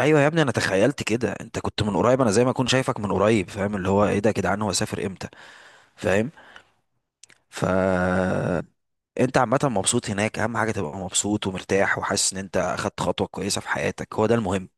ايوه يا ابني، انا تخيلت كده. انت كنت من قريب، انا زي ما اكون شايفك من قريب. فاهم اللي هو ايه ده يا جدعان؟ هو سافر امتى؟ فاهم. ف انت عامه مبسوط هناك؟ اهم حاجه تبقى مبسوط ومرتاح وحاسس ان انت اخدت خطوه كويسه في حياتك. هو ده المهم.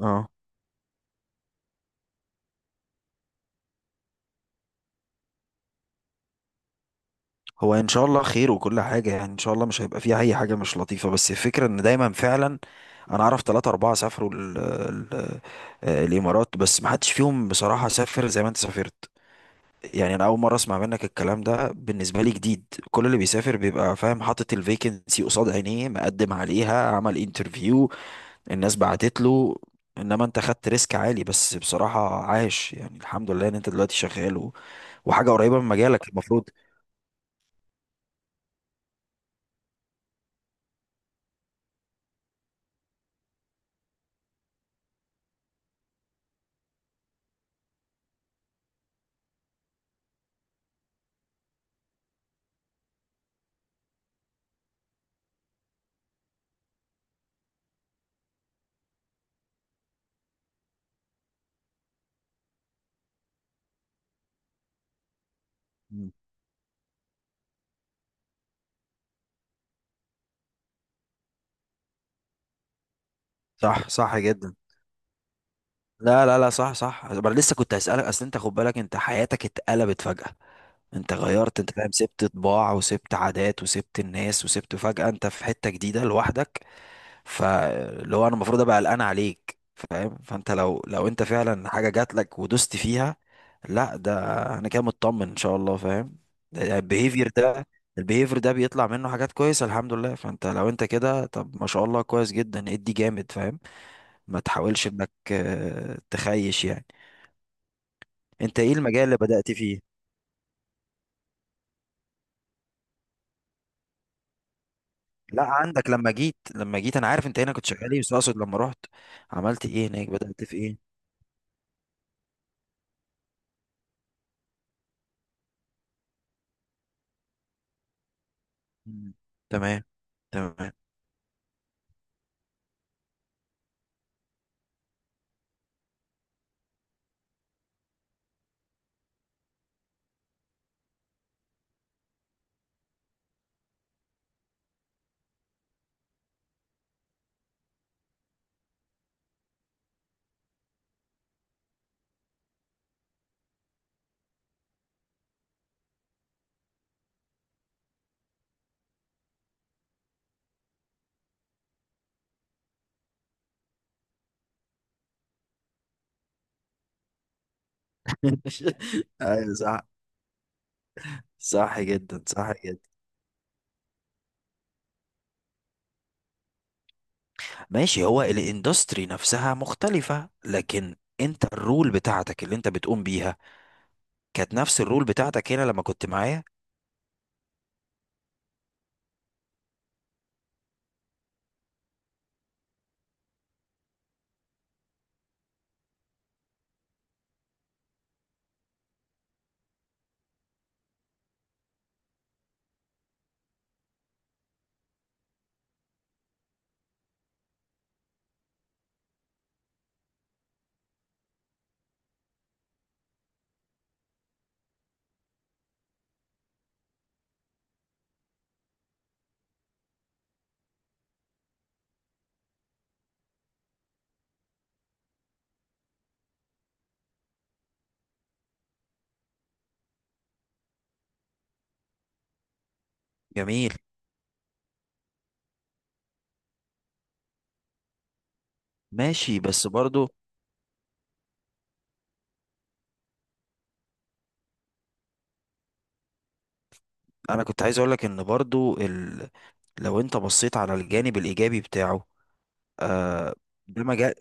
اه. هو ان شاء الله خير، وكل حاجه يعني ان شاء الله مش هيبقى فيها اي حاجه مش لطيفه. بس الفكره ان دايما فعلا انا اعرف ثلاثة اربعة سافروا ال الامارات، بس ما حدش فيهم بصراحه سافر زي ما انت سافرت. يعني انا اول مره اسمع منك الكلام ده، بالنسبه لي جديد. كل اللي بيسافر بيبقى فاهم، حاطط الفيكنسي قصاد عينيه، مقدم عليها، عمل انترفيو، الناس بعتت له. انما انت خدت ريسك عالي. بس بصراحه عاش يعني، الحمد لله ان انت دلوقتي شغال وحاجه قريبه من مجالك المفروض. مم. صح، صح جدا. لا لا لا، صح، صح. انا لسه كنت هسألك، اصل انت خد بالك، انت حياتك اتقلبت فجأة. انت غيرت، انت فاهم، سبت طباع وسبت عادات وسبت الناس، وسبت فجأة انت في حتة جديدة لوحدك. فاللي هو انا المفروض ابقى قلقان عليك، فاهم. فانت لو انت فعلا حاجه جات لك ودوست فيها. لا، ده انا كده مطمن ان شاء الله، فاهم. البيهيفير ده البيهيفير ده بيطلع منه حاجات كويسه الحمد لله. فانت لو انت كده، طب ما شاء الله، كويس جدا، ادي جامد، فاهم. ما تحاولش انك تخيش يعني. انت ايه المجال اللي بدأت فيه؟ لا، عندك لما جيت انا عارف انت هنا كنت شغال ايه، بس اقصد لما رحت عملت ايه هناك، بدأت في ايه؟ مم. تمام. تمام. ايوه صح، صح جدا، صح جدا. ماشي، هو الاندستري نفسها مختلفة، لكن انت الرول بتاعتك اللي انت بتقوم بيها كانت نفس الرول بتاعتك هنا لما كنت معايا. جميل. ماشي، بس برضو انا كنت عايز اقول لك ان برضو ال... لو انت بصيت على الجانب الايجابي بتاعه. آه، ده مجال.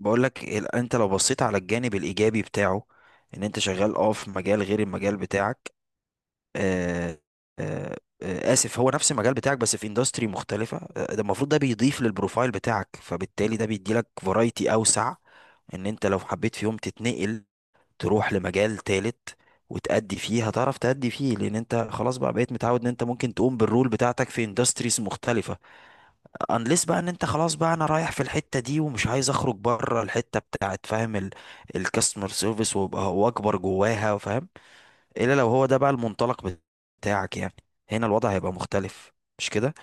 بقول لك، انت لو بصيت على الجانب الايجابي بتاعه، ان انت شغال في مجال غير المجال بتاعك. آه، آه، آه، اسف، هو نفس المجال بتاعك بس في اندستري مختلفة، ده المفروض ده بيضيف للبروفايل بتاعك، فبالتالي ده بيديلك فرايتي اوسع، ان انت لو حبيت في يوم تتنقل، تروح لمجال تالت وتأدي فيه، هتعرف تأدي فيه، لان انت خلاص بقى بقيت متعود ان انت ممكن تقوم بالرول بتاعتك في اندستريز مختلفة. انليس بقى ان انت خلاص بقى انا رايح في الحتة دي، ومش عايز اخرج بره الحتة بتاعت، فاهم، الكاستمر سيرفيس، وابقى هو اكبر جواها، فاهم. الا لو هو ده بقى المنطلق بتاعك يعني، هنا الوضع هيبقى مختلف. مش كده؟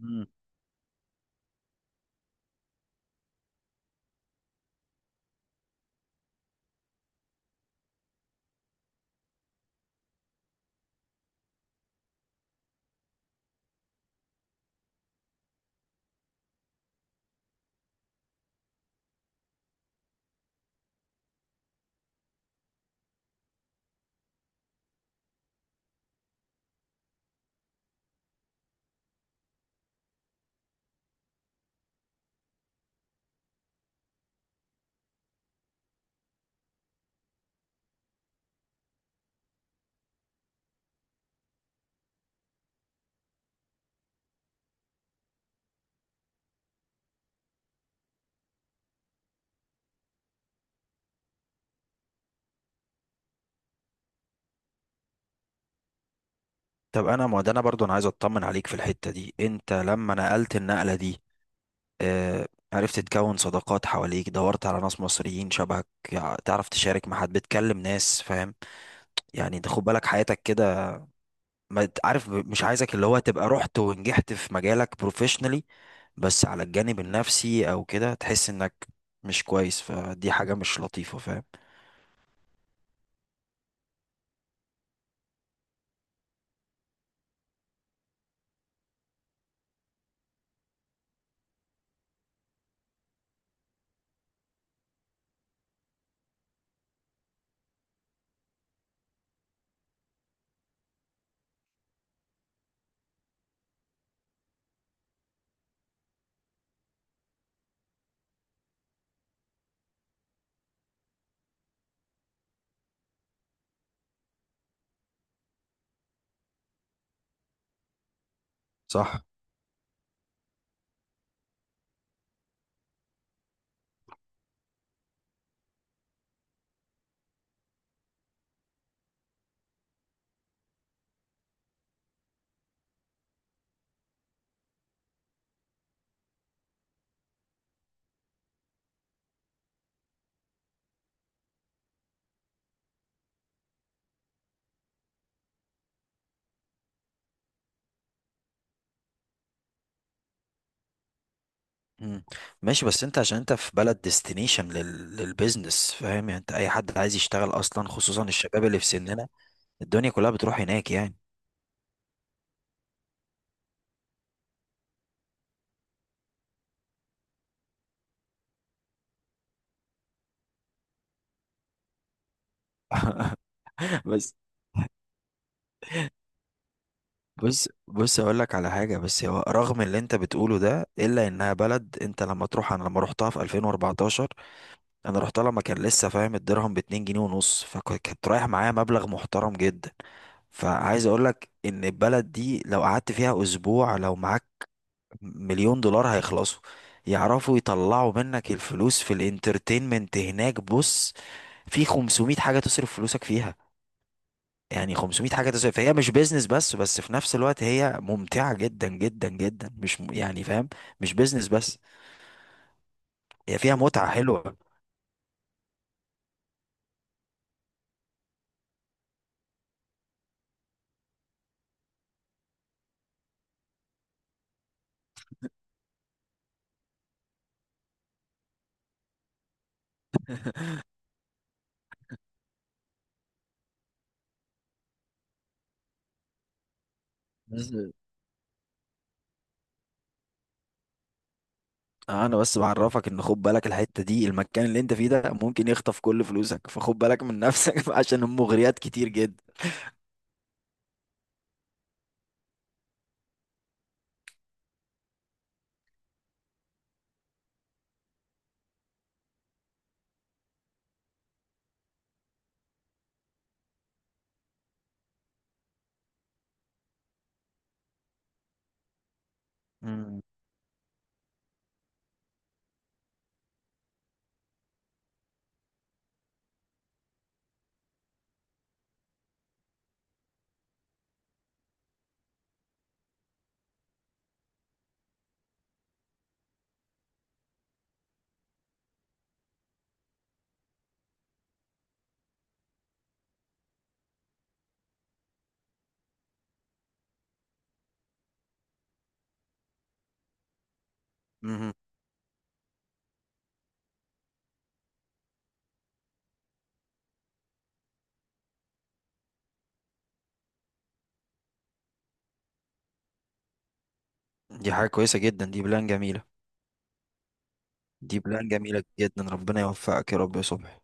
مم. طب انا ما ده انا برضو انا عايز اطمن عليك في الحتة دي. انت لما نقلت النقلة دي، آه عرفت تكون صداقات حواليك؟ دورت على ناس مصريين شبهك؟ تعرف تشارك مع حد؟ بتكلم ناس، فاهم؟ يعني انت خد بالك حياتك كده. ما ت- عارف، مش عايزك اللي هو تبقى رحت ونجحت في مجالك بروفيشنالي، بس على الجانب النفسي او كده تحس انك مش كويس، فدي حاجة مش لطيفة، فاهم. صح. مم. ماشي، بس انت عشان انت في بلد ديستنيشن للبيزنس، فاهم يعني. انت اي حد عايز يشتغل اصلا، خصوصا الشباب اللي في سننا، الدنيا كلها بتروح هناك يعني. بس بص بص اقول لك على حاجه. بس هو رغم اللي انت بتقوله ده، الا انها بلد، انت لما تروح، انا لما روحتها في 2014، انا روحتها لما كان لسه فاهم الدرهم ب 2 جنيه ونص، فكنت رايح معايا مبلغ محترم جدا. فعايز اقول لك ان البلد دي لو قعدت فيها اسبوع، لو معاك مليون دولار هيخلصوا. يعرفوا يطلعوا منك الفلوس في الانترتينمنت هناك. بص، في 500 حاجة تصرف فلوسك فيها. يعني 500 حاجة تصرف، فهي مش بيزنس بس، بس في نفس الوقت هي ممتعة جدا جدا جدا، مش يعني فاهم. مش بيزنس بس، هي فيها متعة حلوة. بس انا بس بعرفك ان خد بالك الحتة دي، المكان اللي انت فيه ده ممكن يخطف كل فلوسك، فخد بالك من نفسك، عشان المغريات كتير جدا. مم. مهم. دي حاجة كويسة جدا، دي بلان جميلة. دي بلان جميلة جدا. ربنا يوفقك يا رب يا صبحي.